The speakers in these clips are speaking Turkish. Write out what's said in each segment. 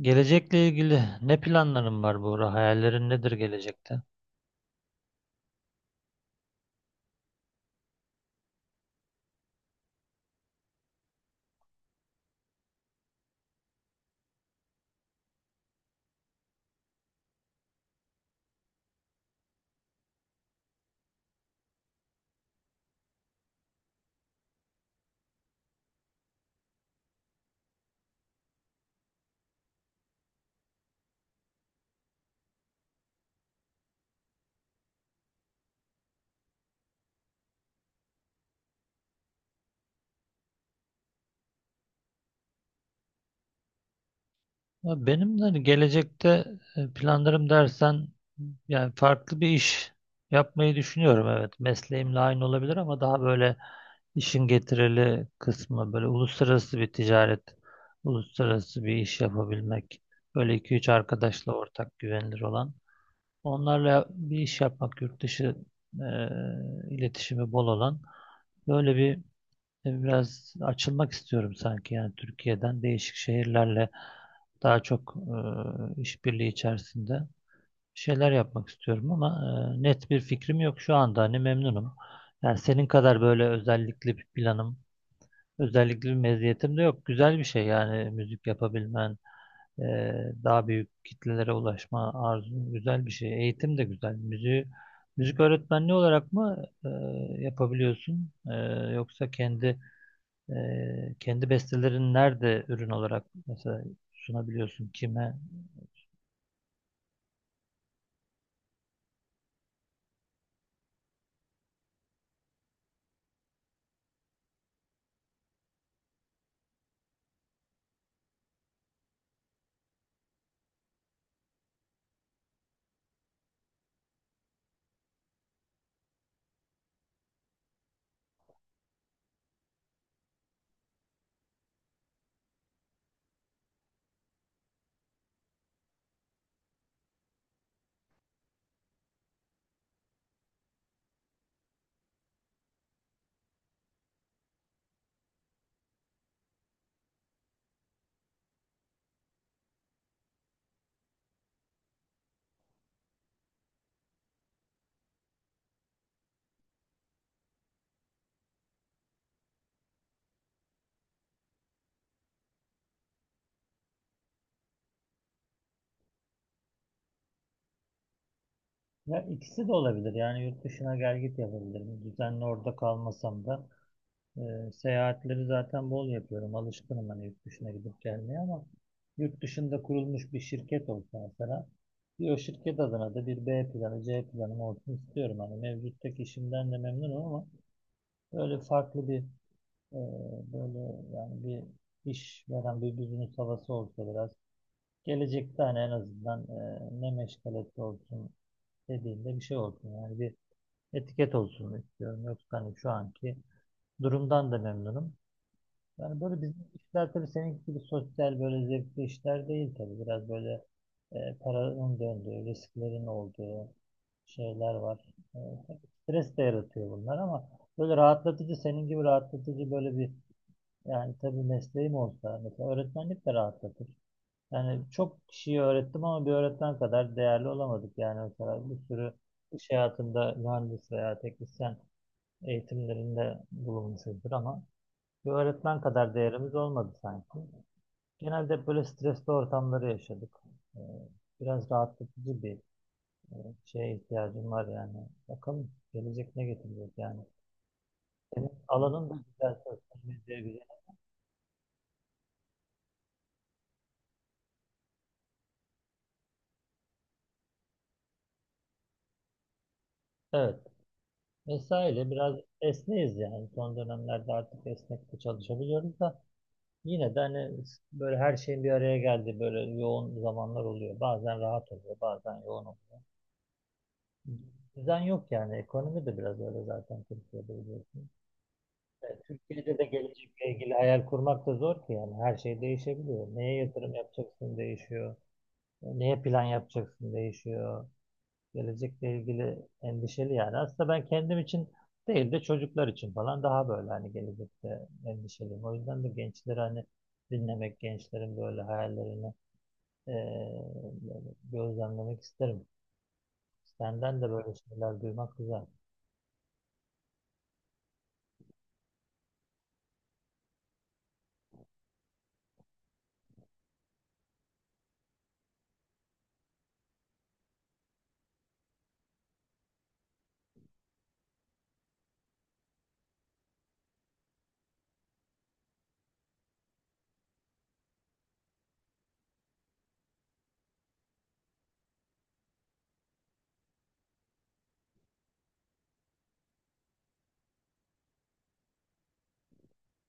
Gelecekle ilgili ne planların var bu hayallerin nedir gelecekte? Ya benim de hani gelecekte planlarım dersen yani farklı bir iş yapmayı düşünüyorum. Evet, mesleğimle aynı olabilir ama daha böyle işin getirili kısmı böyle uluslararası bir ticaret, uluslararası bir iş yapabilmek. Böyle iki üç arkadaşla ortak güvenilir olan. Onlarla bir iş yapmak, yurt dışı e, iletişimi bol olan. Böyle bir biraz açılmak istiyorum sanki yani Türkiye'den değişik şehirlerle daha çok işbirliği içerisinde şeyler yapmak istiyorum ama net bir fikrim yok şu anda hani memnunum. Yani senin kadar böyle özellikli bir planım, özellikli bir meziyetim de yok. Güzel bir şey yani müzik yapabilmen, e, daha büyük kitlelere ulaşma arzun güzel bir şey. Eğitim de güzel. Müziği, müzik öğretmenliği olarak mı yapabiliyorsun yoksa kendi kendi bestelerini nerede ürün olarak mesela sunabiliyorsun kime? Ya ikisi de olabilir. Yani yurt dışına gel git yapabilirim. Düzenli orada kalmasam da e, seyahatleri zaten bol yapıyorum. Alışkınım hani yurt dışına gidip gelmeye ama yurt dışında kurulmuş bir şirket olsa mesela bir o şirket adına da bir B planı, C planım olsun istiyorum. Hani mevcuttaki işimden de memnunum ama böyle farklı bir e, böyle yani bir iş veren bir business havası olsa biraz. Gelecekte hani en azından ne meşgalesi olsun dediğinde bir şey olsun. Yani bir etiket olsun istiyorum. Yoksa hani şu anki durumdan da memnunum. Yani böyle bizim işler tabii senin gibi sosyal böyle zevkli işler değil tabii. Biraz böyle paranın döndüğü, risklerin olduğu şeyler var. E, tabii stres de yaratıyor bunlar ama böyle rahatlatıcı senin gibi rahatlatıcı böyle bir yani tabii mesleğim olsa mesela öğretmenlik de rahatlatır. Yani çok kişiyi öğrettim ama bir öğretmen kadar değerli olamadık. Yani mesela bir sürü iş hayatında mühendis veya teknisyen eğitimlerinde bulunmuşuzdur ama bir öğretmen kadar değerimiz olmadı sanki. Genelde hep böyle stresli ortamları yaşadık. Ee, Biraz rahatlatıcı bir e, şeye ihtiyacım var yani. Bakalım gelecek ne getirecek yani. Senin alanın da güzel, sosyal medya güzel. Evet. Vesaire biraz esneyiz yani. Son dönemlerde artık esnek de çalışabiliyoruz da. Yine de hani böyle her şeyin bir araya geldiği böyle yoğun zamanlar oluyor. Bazen rahat oluyor, bazen yoğun oluyor. Düzen yok yani. Ekonomi de biraz öyle zaten Türkiye'de biliyorsun. Türkiye'de de gelecekle ilgili hayal kurmak da zor ki yani. Her şey değişebiliyor. Neye yatırım yapacaksın değişiyor. Neye plan yapacaksın değişiyor. Gelecekle ilgili endişeli yani. Aslında ben kendim için değil de çocuklar için falan daha böyle hani gelecekte endişeliyim. O yüzden de gençleri hani dinlemek, gençlerin böyle hayallerini eee, böyle gözlemlemek isterim. Senden de böyle şeyler duymak güzel.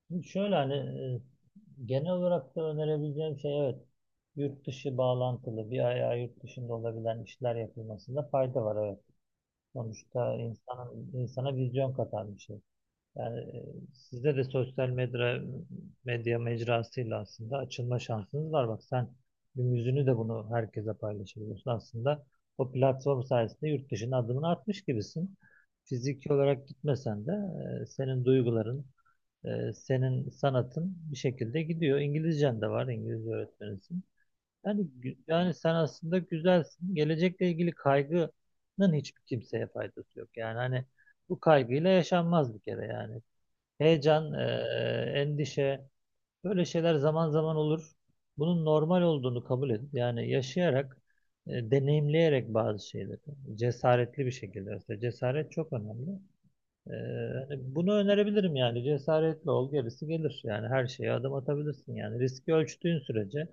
Şimdi şöyle hani genel olarak da önerebileceğim şey evet, yurt dışı bağlantılı bir ayağı yurt dışında olabilen işler yapılmasında fayda var, evet. Sonuçta insanın, insana vizyon katan bir şey. Yani sizde de sosyal medya, medya mecrasıyla aslında açılma şansınız var. Bak sen bir yüzünü de bunu herkese paylaşabiliyorsun. Aslında o platform sayesinde yurt dışına adımını atmış gibisin. Fiziki olarak gitmesen de senin duyguların, senin sanatın bir şekilde gidiyor. İngilizcen de var, İngilizce öğretmenisin. Yani, yani sen aslında güzelsin. Gelecekle ilgili kaygının hiçbir kimseye faydası yok. Yani hani bu kaygıyla yaşanmaz bir kere yani. Heyecan, endişe, böyle şeyler zaman zaman olur. Bunun normal olduğunu kabul edip yani yaşayarak, deneyimleyerek bazı şeyleri cesaretli bir şekilde, mesela cesaret çok önemli. Hani bunu önerebilirim yani cesaretli ol, gerisi gelir. Yani her şeye adım atabilirsin yani riski ölçtüğün sürece,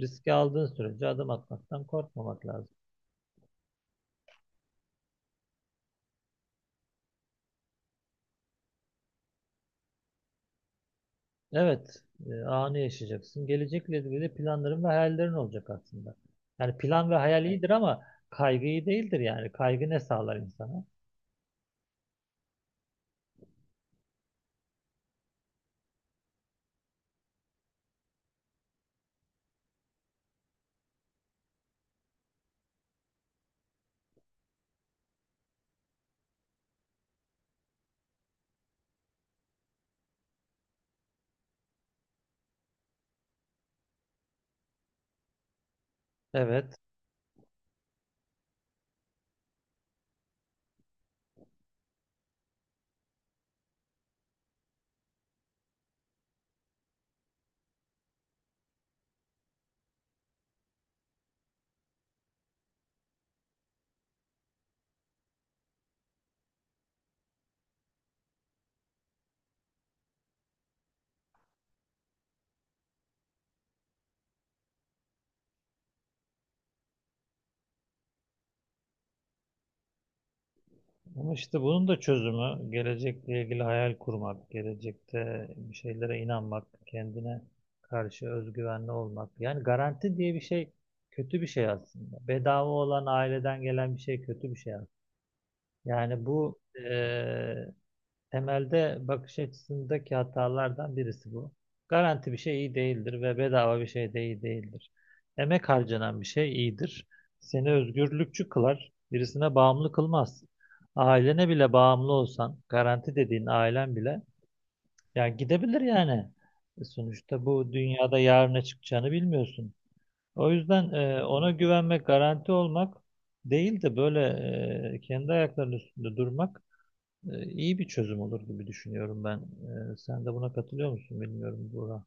riski aldığın sürece adım atmaktan korkmamak lazım. Evet, anı yaşayacaksın. Gelecekle ilgili planların ve hayallerin olacak aslında. Yani plan ve hayal, evet, iyidir ama kaygı iyi değildir yani. Kaygı ne sağlar insana? Evet. Ama işte bunun da çözümü gelecekle ilgili hayal kurmak, gelecekte bir şeylere inanmak, kendine karşı özgüvenli olmak. Yani garanti diye bir şey kötü bir şey aslında. Bedava olan, aileden gelen bir şey kötü bir şey aslında. Yani bu temelde bakış açısındaki hatalardan birisi bu. Garanti bir şey iyi değildir ve bedava bir şey de iyi değildir. Emek harcanan bir şey iyidir. Seni özgürlükçü kılar, birisine bağımlı kılmaz. Ailene bile bağımlı olsan, garanti dediğin ailen bile, ya gidebilir yani. Sonuçta bu dünyada yarına çıkacağını bilmiyorsun. O yüzden ona güvenmek, garanti olmak değil de böyle kendi ayaklarının üstünde durmak iyi bir çözüm olur gibi düşünüyorum ben. Sen de buna katılıyor musun bilmiyorum Burak.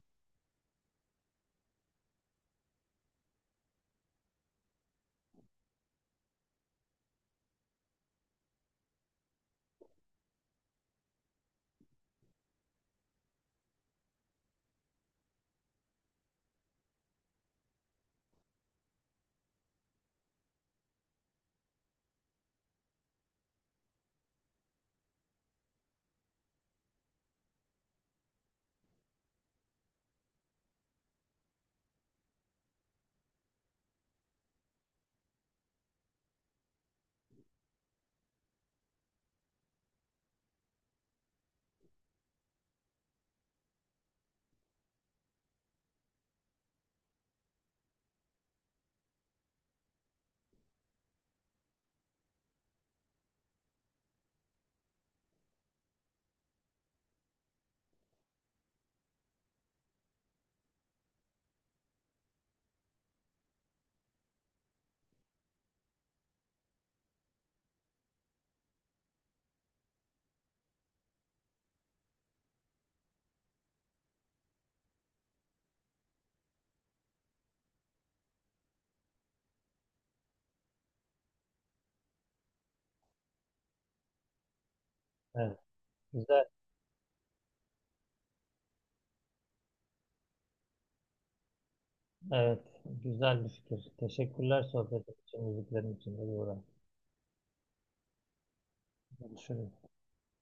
Evet, güzel. Evet, güzel bir fikir. Teşekkürler sohbetin için, müziklerin için de Buğra. Görüşürüz.